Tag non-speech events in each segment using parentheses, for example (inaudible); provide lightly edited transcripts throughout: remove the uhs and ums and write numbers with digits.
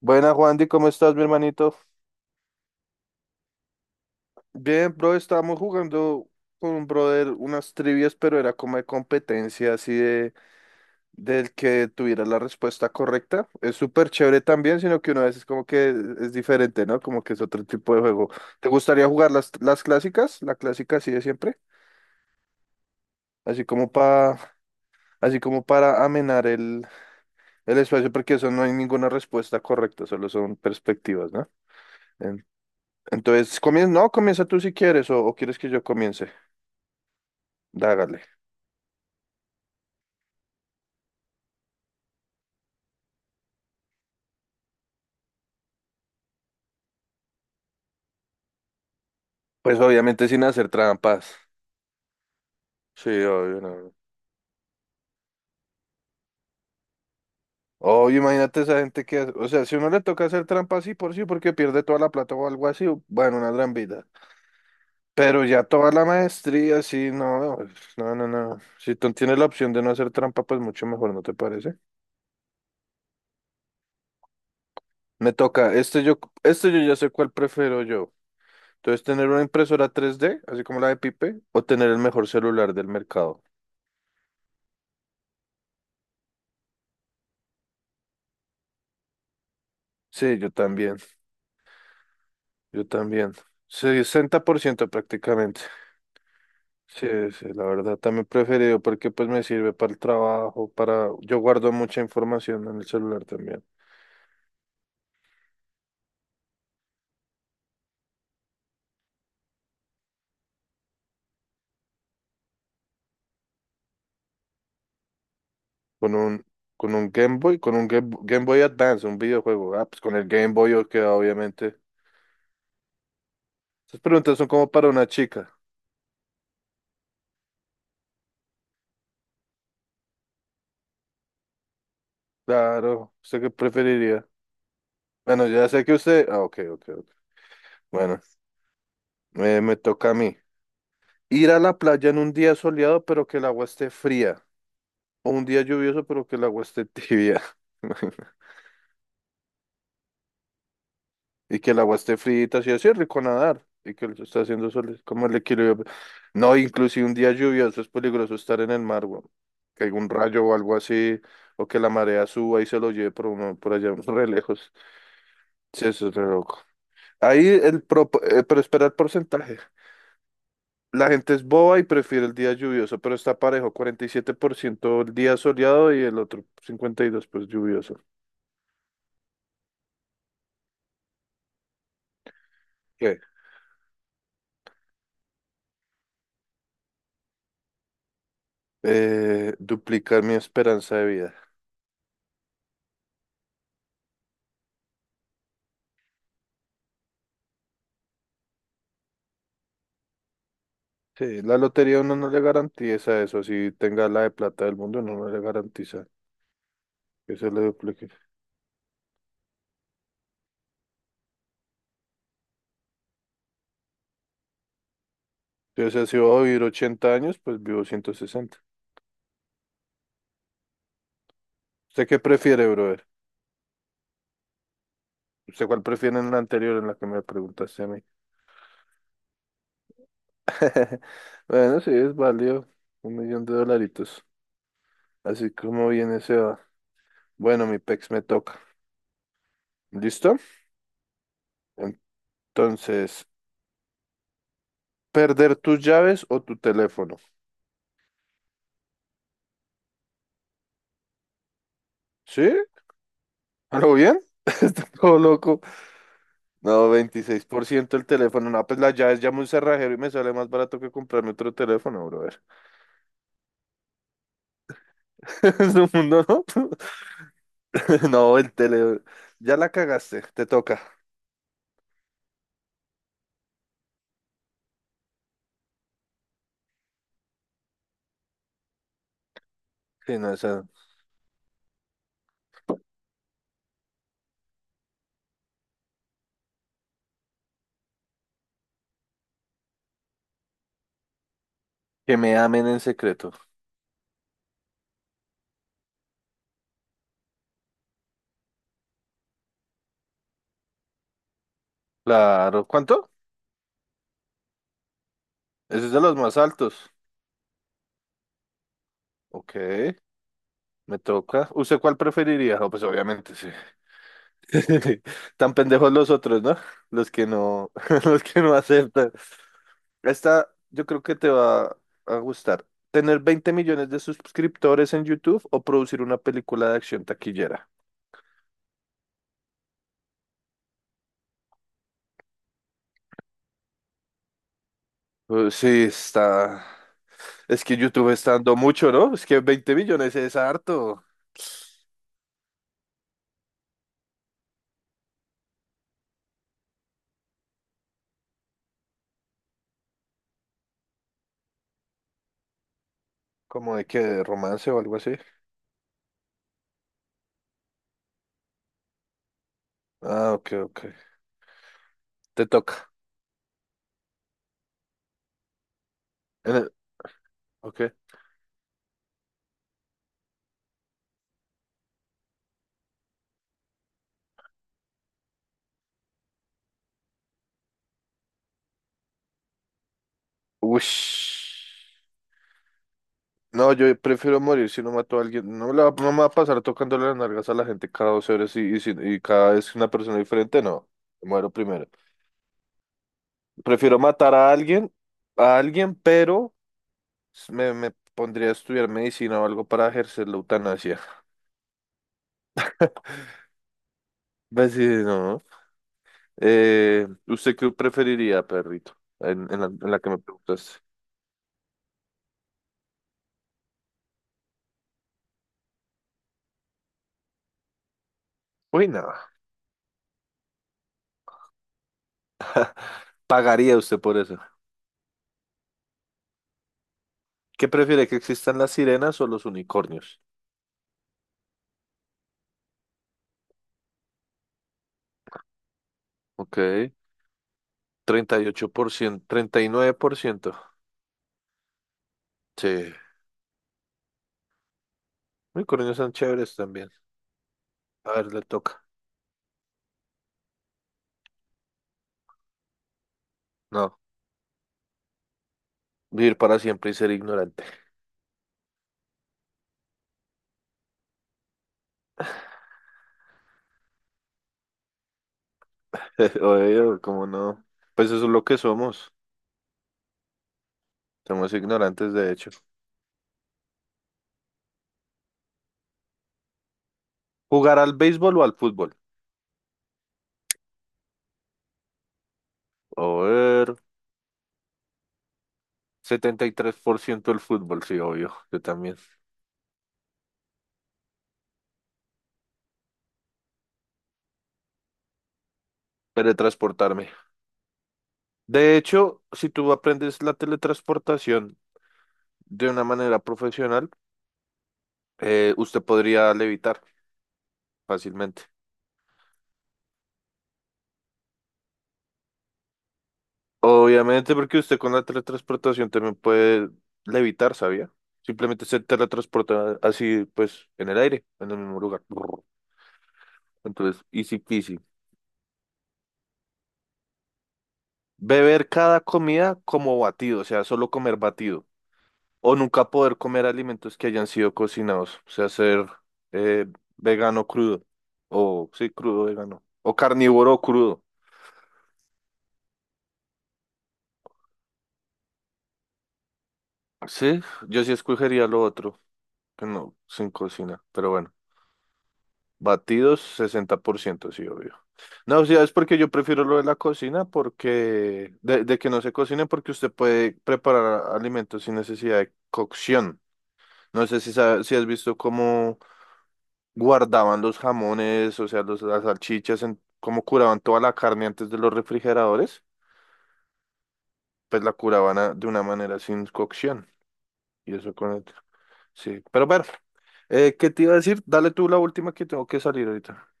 Buena, Juandy, ¿cómo estás, mi hermanito? Bien, bro, estábamos jugando con un brother unas trivias, pero era como de competencia, así de del que tuviera la respuesta correcta. Es súper chévere también, sino que una vez es como que es diferente, ¿no? Como que es otro tipo de juego. ¿Te gustaría jugar las clásicas? La clásica así de siempre, así como para, así como para amenar el espacio, porque eso no hay ninguna respuesta correcta, solo son perspectivas, ¿no? En- Entonces, comienza tú si quieres, o quieres que yo comience. Dágale. Pues obviamente sin hacer trampas. Sí, obvio, no. Obvio, imagínate esa gente que o sea, si uno le toca hacer trampas, sí por sí, porque pierde toda la plata o algo así, bueno, una gran vida. Pero ya toda la maestría, sí, no. No, no, no. Si tú tienes la opción de no hacer trampa, pues mucho mejor, ¿no te parece? Me toca. Yo ya sé cuál prefiero yo. Entonces, tener una impresora 3D así como la de Pipe, o tener el mejor celular del mercado. Sí, yo también. Yo también. Sí, 60% prácticamente. Sí, sí, la verdad, también preferido porque pues me sirve para el trabajo, para. Yo guardo mucha información en el celular también. Con un, con un Game Boy, con un Game Boy Advance, un videojuego. Ah, pues con el Game Boy yo queda obviamente. Estas preguntas son como para una chica. Claro, ¿usted qué preferiría? Bueno, ya sé que usted. Ah, ok, ok, ok. Bueno, me toca a mí. Ir a la playa en un día soleado pero que el agua esté fría. O un día lluvioso pero que el agua esté tibia. (laughs) Y que el agua esté frita, si así es rico nadar. Y que lo está haciendo sol, como el equilibrio. No, inclusive un día lluvioso es peligroso estar en el mar, weón. Que haya un rayo o algo así, o que la marea suba y se lo lleve por, uno, por allá, re lejos. Sí, eso es re loco. Ahí pero espera el porcentaje. La gente es boba y prefiere el día lluvioso, pero está parejo, 47% el día soleado y el otro 52% pues lluvioso. ¿Qué? Duplicar mi esperanza de vida. Sí, la lotería uno no le garantiza eso, si tenga la de plata del mundo, uno no le garantiza que se le duplique. Entonces, si voy a vivir 80 años, pues vivo 160. ¿Usted qué prefiere, brother? ¿Usted cuál prefiere en la anterior en la que me preguntaste a mí? (laughs) Bueno, sí, es válido. Un millón de dolaritos. Así como viene se va. Bueno, mi pex me toca. ¿Listo? Entonces, ¿perder tus llaves o tu teléfono? ¿Sí? ¿A lo bien? (laughs) Está todo loco. No, 26% el teléfono. No, pues la llave es ya a un cerrajero y me sale más barato que comprarme otro teléfono, brother. (laughs) Es un mundo, ¿no? (laughs) No, el tele. Ya la cagaste, te toca. Sí, no, esa. Que me amen en secreto. Claro. ¿Cuánto? Ese es de los más altos. Ok, me toca. ¿Usted cuál preferiría? No, pues obviamente sí. (laughs) Tan pendejos los otros, ¿no? Los que no, (laughs) los que no aceptan. Esta yo creo que te va a gustar. ¿Tener 20 millones de suscriptores en YouTube o producir una película de acción taquillera? Sí, está. Es que YouTube está dando mucho, ¿no? Es que 20 millones es harto. Como de que de romance o algo así. Ah, ok, ok. Te toca. En el- Ok. Ush. No, yo prefiero morir si no mato a alguien. No, no me va a pasar tocando las nalgas a la gente cada 2 horas y, si- y cada vez una persona diferente, no. Muero primero. Prefiero matar a alguien, pero me pondría a estudiar medicina o algo para ejercer la eutanasia. (laughs) Pues sí, no. ¿No? ¿Usted qué preferiría, perrito? En la que me preguntaste. Uy, no. ¿Pagaría usted por eso? ¿Qué prefiere, que existan las sirenas o los unicornios? Ok. 38%. 39%. Sí. Unicornios son chéveres también. A ver, le toca. No. Vivir para siempre y ser ignorante. (laughs) obvio, ¿cómo no? Pues eso es lo que somos. Somos ignorantes, de hecho. ¿Jugar al béisbol o al fútbol? A ver, 73% el fútbol, sí, obvio. Yo también. Teletransportarme. De hecho, si tú aprendes la teletransportación de una manera profesional, usted podría levitar fácilmente. Obviamente, porque usted con la teletransportación también puede levitar, ¿sabía? Simplemente se teletransporta así, pues, en el aire, en el mismo lugar. Entonces, easy peasy. Beber cada comida como batido, o sea, solo comer batido. O nunca poder comer alimentos que hayan sido cocinados, o sea, ser eh, vegano crudo. O sí, crudo vegano. O carnívoro crudo. Sí, yo sí escogería lo otro, que no, sin cocina. Pero bueno, batidos 60%, sí, obvio. No, o sea, es porque yo prefiero lo de la cocina, porque de que no se cocine, porque usted puede preparar alimentos sin necesidad de cocción. No sé si has visto cómo guardaban los jamones, o sea, los, las salchichas, en, como curaban toda la carne antes de los refrigeradores, pues la curaban de una manera sin cocción. Y eso con el- Sí, pero bueno, ¿qué te iba a decir? Dale tú la última que tengo que salir ahorita.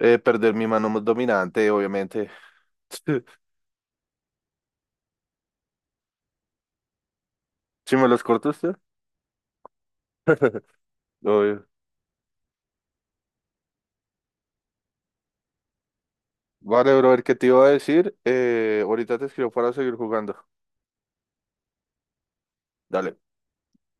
Perder mi mano más dominante, obviamente. (laughs) ¿Si me los corta usted? (laughs) Obvio. Vale, brother, ¿qué te iba a decir? Ahorita te escribo para seguir jugando. Dale.